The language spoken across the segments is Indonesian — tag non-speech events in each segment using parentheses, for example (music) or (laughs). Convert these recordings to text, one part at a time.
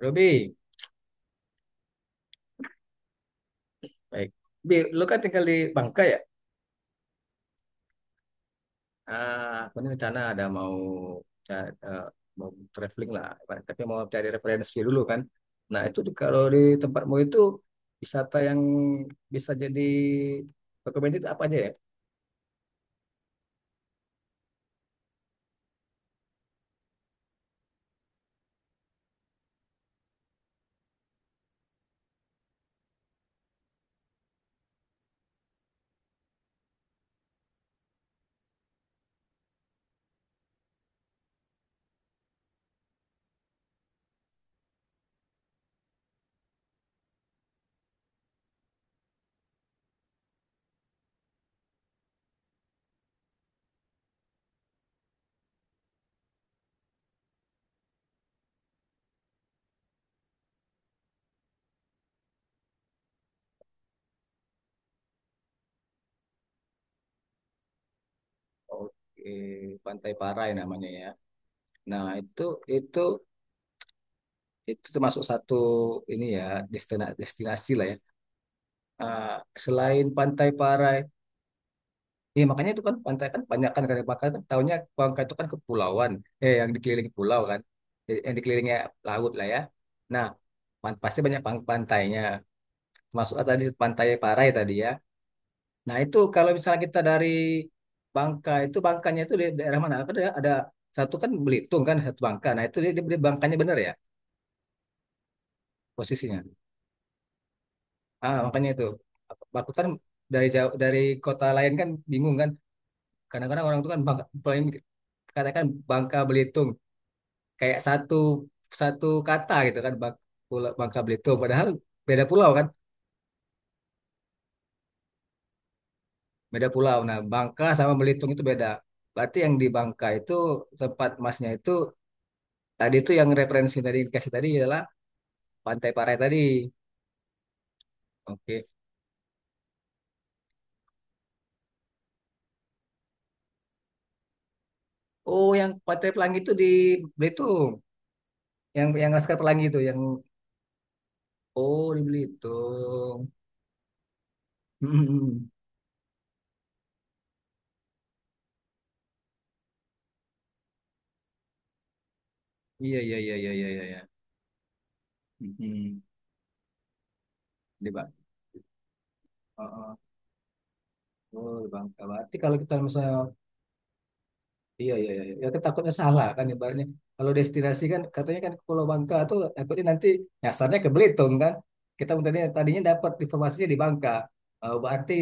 Robi, baik. Bi, lu kan tinggal di Bangka ya? Ah, aku ini rencana ada ca- eh, mau traveling lah, tapi mau cari referensi dulu kan. Nah, itu kalau di tempatmu itu wisata yang bisa jadi rekomendasi itu apa aja ya? Oke, Pantai Parai namanya ya. Nah, itu itu itu termasuk satu ini ya, destinasi lah ya. Ah, selain Pantai Parai. Iya makanya itu kan pantai kan banyak kan, kalau bakar kan tahunya Bangka itu kan kepulauan, yang dikelilingi pulau kan. Jadi, yang dikelilingi laut lah ya. Nah, pasti banyak pantainya, masuk kan tadi Pantai Parai tadi ya. Nah, itu kalau misalnya kita dari Bangka itu, Bangkanya itu di daerah mana? Kan ada satu kan Belitung, kan satu Bangka. Nah, itu dia, dia dia Bangkanya benar ya posisinya. Makanya itu aku kan dari jauh, dari kota lain kan bingung kan. Kadang-kadang orang itu kan Bangka, katakan Bangka Belitung kayak satu satu kata gitu kan. Bangka Belitung, padahal beda pulau kan. Beda pulau. Nah, Bangka sama Belitung itu beda. Berarti yang di Bangka itu tempat masnya itu tadi, itu yang referensi tadi dikasih tadi adalah Pantai Parai tadi. Oke. Oh, yang Pantai Pelangi itu di Belitung, yang Laskar Pelangi itu yang oh, di Belitung. (laughs) Iya, iya, iya, iya, iya, iya. Hmm. di Bang Oh, oh. Oh, di Bangka berarti kalau kita misalnya iya, iya, iya, iya. Ya, kan takutnya salah kan, ibaratnya. Kalau destinasi kan katanya kan ke Pulau Bangka tuh, takutnya nanti nyasarnya ke Belitung kan. Kita tadinya dapat informasinya di Bangka. Eh, berarti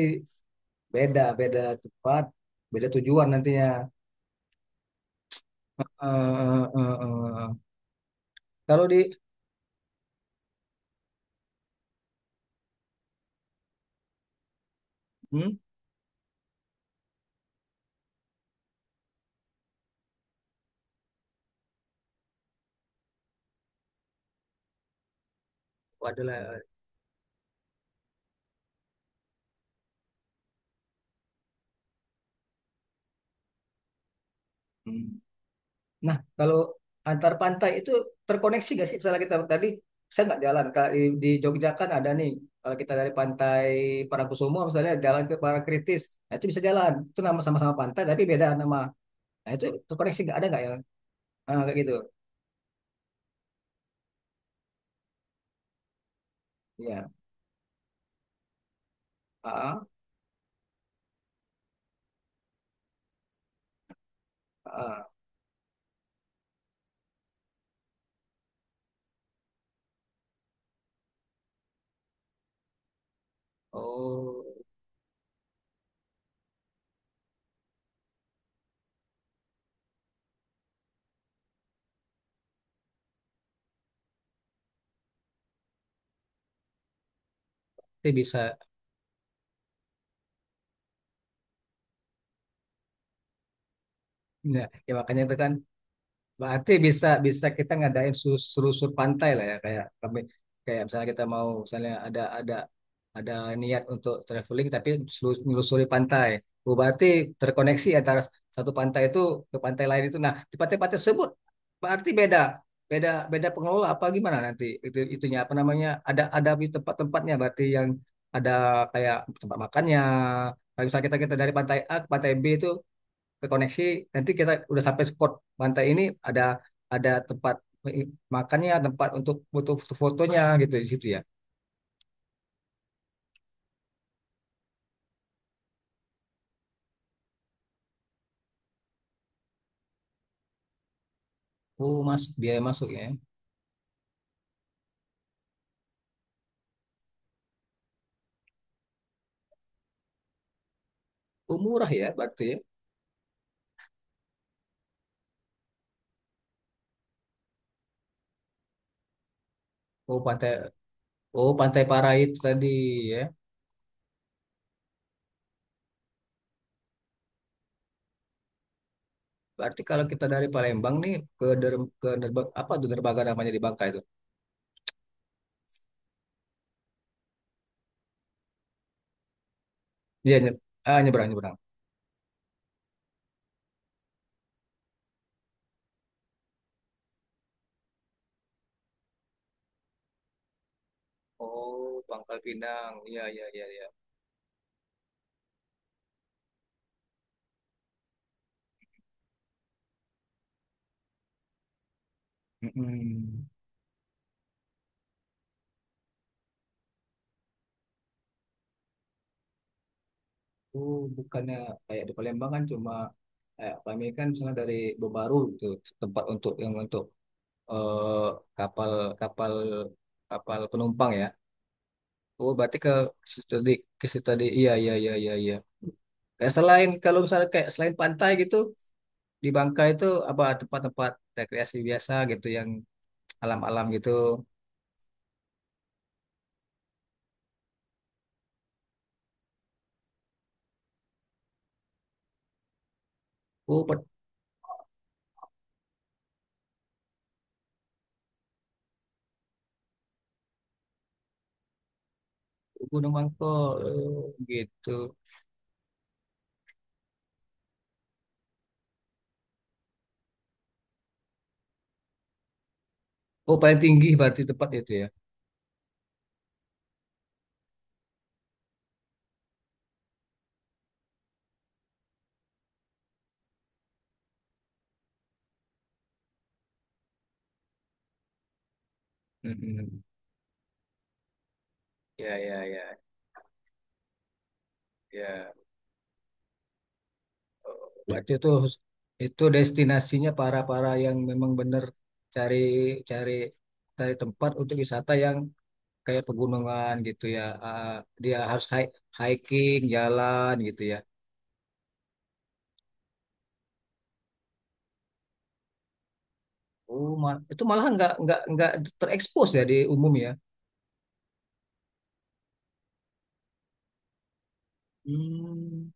beda, beda tempat, beda tujuan nantinya. Eh, eh, eh, eh. Kalau di, hmm, adalah, nah, kalau antar pantai itu terkoneksi gak sih? Misalnya kita tadi, saya nggak jalan. Kalau di Jogja kan ada nih, kalau kita dari Pantai Parangkusumo misalnya jalan ke Parangkritis, nah itu bisa jalan. Itu nama sama-sama pantai, tapi beda nama. Nah itu terkoneksi nggak, ada nggak ya? Ah, kayak gitu. Ya. Ah, ah, ah. Oh, itu bisa. Ya, ya makanya itu kan berarti bisa bisa kita ngadain selusur pantai lah ya, kayak kami kayak misalnya kita mau, misalnya ada niat untuk traveling tapi menelusuri pantai. Oh, berarti terkoneksi antara satu pantai itu ke pantai lain itu. Nah, di pantai-pantai tersebut berarti beda beda beda pengelola apa gimana nanti itu, itunya apa namanya ada di tempat-tempatnya berarti yang ada kayak tempat makannya. Kalau misalnya kita kita dari pantai A ke pantai B itu ke koneksi, nanti kita udah sampai spot pantai ini, ada ada tempat makannya, tempat untuk butuh fotonya gitu di situ ya. Oh, mas, biaya masuknya oh murah ya berarti ya. oh pantai oh, Pantai Parai itu tadi ya. Berarti kalau kita dari Palembang nih ke apa tuh derbaga namanya di Bangka itu? Iya, nyebrang, nyebrang. Oh, Bangka Pinang, iya, iya, iya, iya. Mm-mm. Oh, bukannya kayak di Palembang kan cuma kayak kami kan misalnya dari Bobaru gitu tempat untuk, yang untuk, eh, kapal, kapal kapal penumpang ya. Oh, berarti ke situ tadi, ke situ tadi. Iya, iya, iya, iya, iya. Kayak selain kalau misalnya kayak selain pantai gitu di Bangka itu apa tempat-tempat rekreasi biasa gitu yang alam-alam gitu? Oh, Gunung Mangkok, oh, gitu. Oh, paling tinggi berarti tempat itu ya. Mm-mm. Ya, ya, ya, ya. Berarti itu destinasinya para-para yang memang benar cari, cari cari tempat untuk wisata yang kayak pegunungan gitu ya. Ah, dia harus hiking, jalan gitu ya. Oh, itu malah nggak terekspos ya di umum ya. Hmm,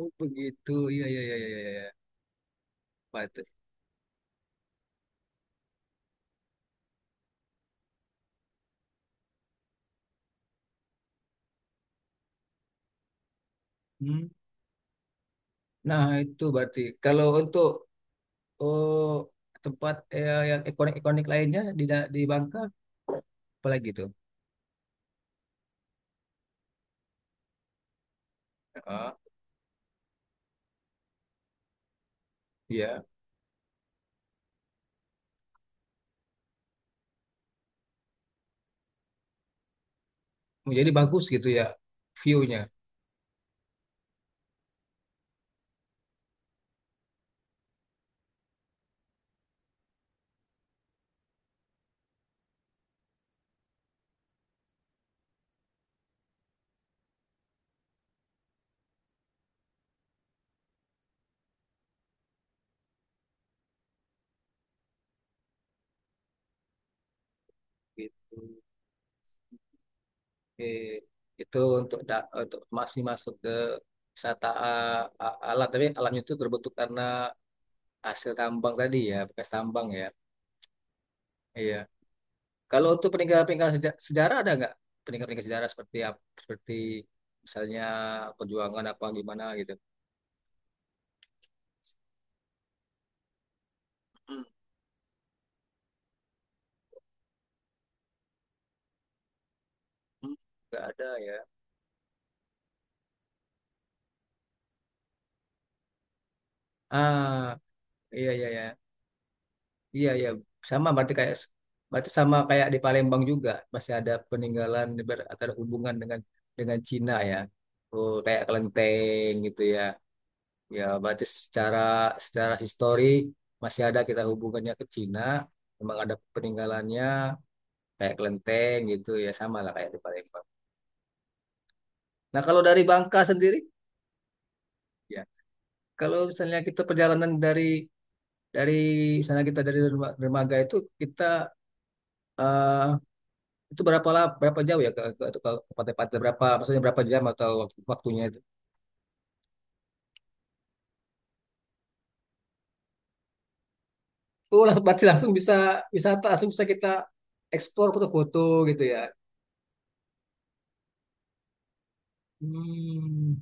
oh begitu. Iya, iya, iya, iya, iya. Pak itu. Hmm. Nah itu berarti kalau untuk oh, tempat, yang ikonik-ikonik lainnya di di Bangka apalagi tuh? Ah. Iya, jadi bagus gitu ya view-nya gitu. Oke. Itu untuk untuk masih masuk ke wisata alam, tapi alamnya itu berbentuk karena hasil tambang tadi ya, bekas tambang ya. Iya. Kalau untuk peninggalan-peninggalan sejarah ada nggak? Peninggalan-peninggalan sejarah seperti seperti misalnya perjuangan apa gimana gitu. Hmm. Hmm. Nggak ada ya. Ah, iya, iya, ya. Iya, iya. Sama berarti kayak, berarti sama kayak di Palembang juga masih ada peninggalan atau ada hubungan dengan Cina ya. Oh, kayak kelenteng gitu ya. Ya, berarti secara secara histori masih ada kita hubungannya ke Cina. Memang ada peninggalannya kayak kelenteng gitu ya, sama lah kayak di Palembang. Nah, kalau dari Bangka sendiri ya. Kalau misalnya kita perjalanan dari misalnya kita dari dermaga itu kita, eh, itu berapa lah, berapa jauh ya ke Pantai Pantai berapa, maksudnya berapa jam atau waktunya itu? Oh, langsung berarti langsung bisa wisata, langsung bisa kita eksplor foto-foto gitu ya. Hmm,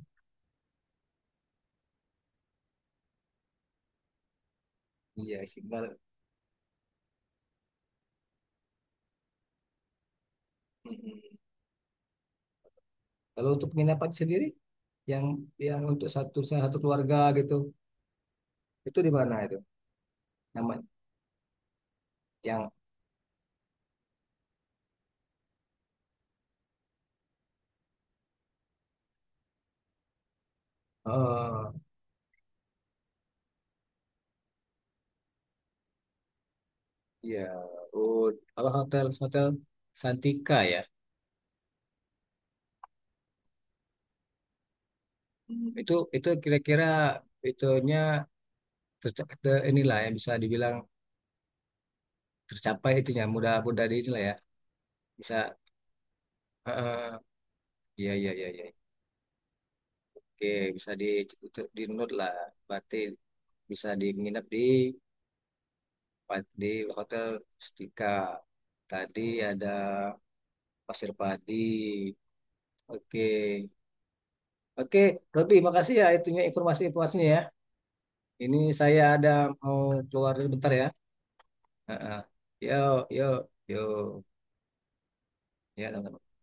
iya sih. Mm-mm. Kalau untuk penginapan sendiri, yang yang untuk satu satu keluarga gitu, itu di mana itu? Nama yang Oh, iya, oh, apa, hotel hotel Santika ya. Hmm. Itu kira-kira itunya inilah yang bisa dibilang tercapai itunya mudah-mudah di inilah ya bisa, eh, iya, iya, iya, iya, oke, bisa di note lah berarti, bisa di nginep di hotel Stika tadi, ada Pasir Padi, oke, oke, Robi, makasih ya itunya informasi-informasinya ya, ini saya ada mau keluar dulu bentar ya. Eh, eh. Yo, yo, yo. Ya, teman-teman.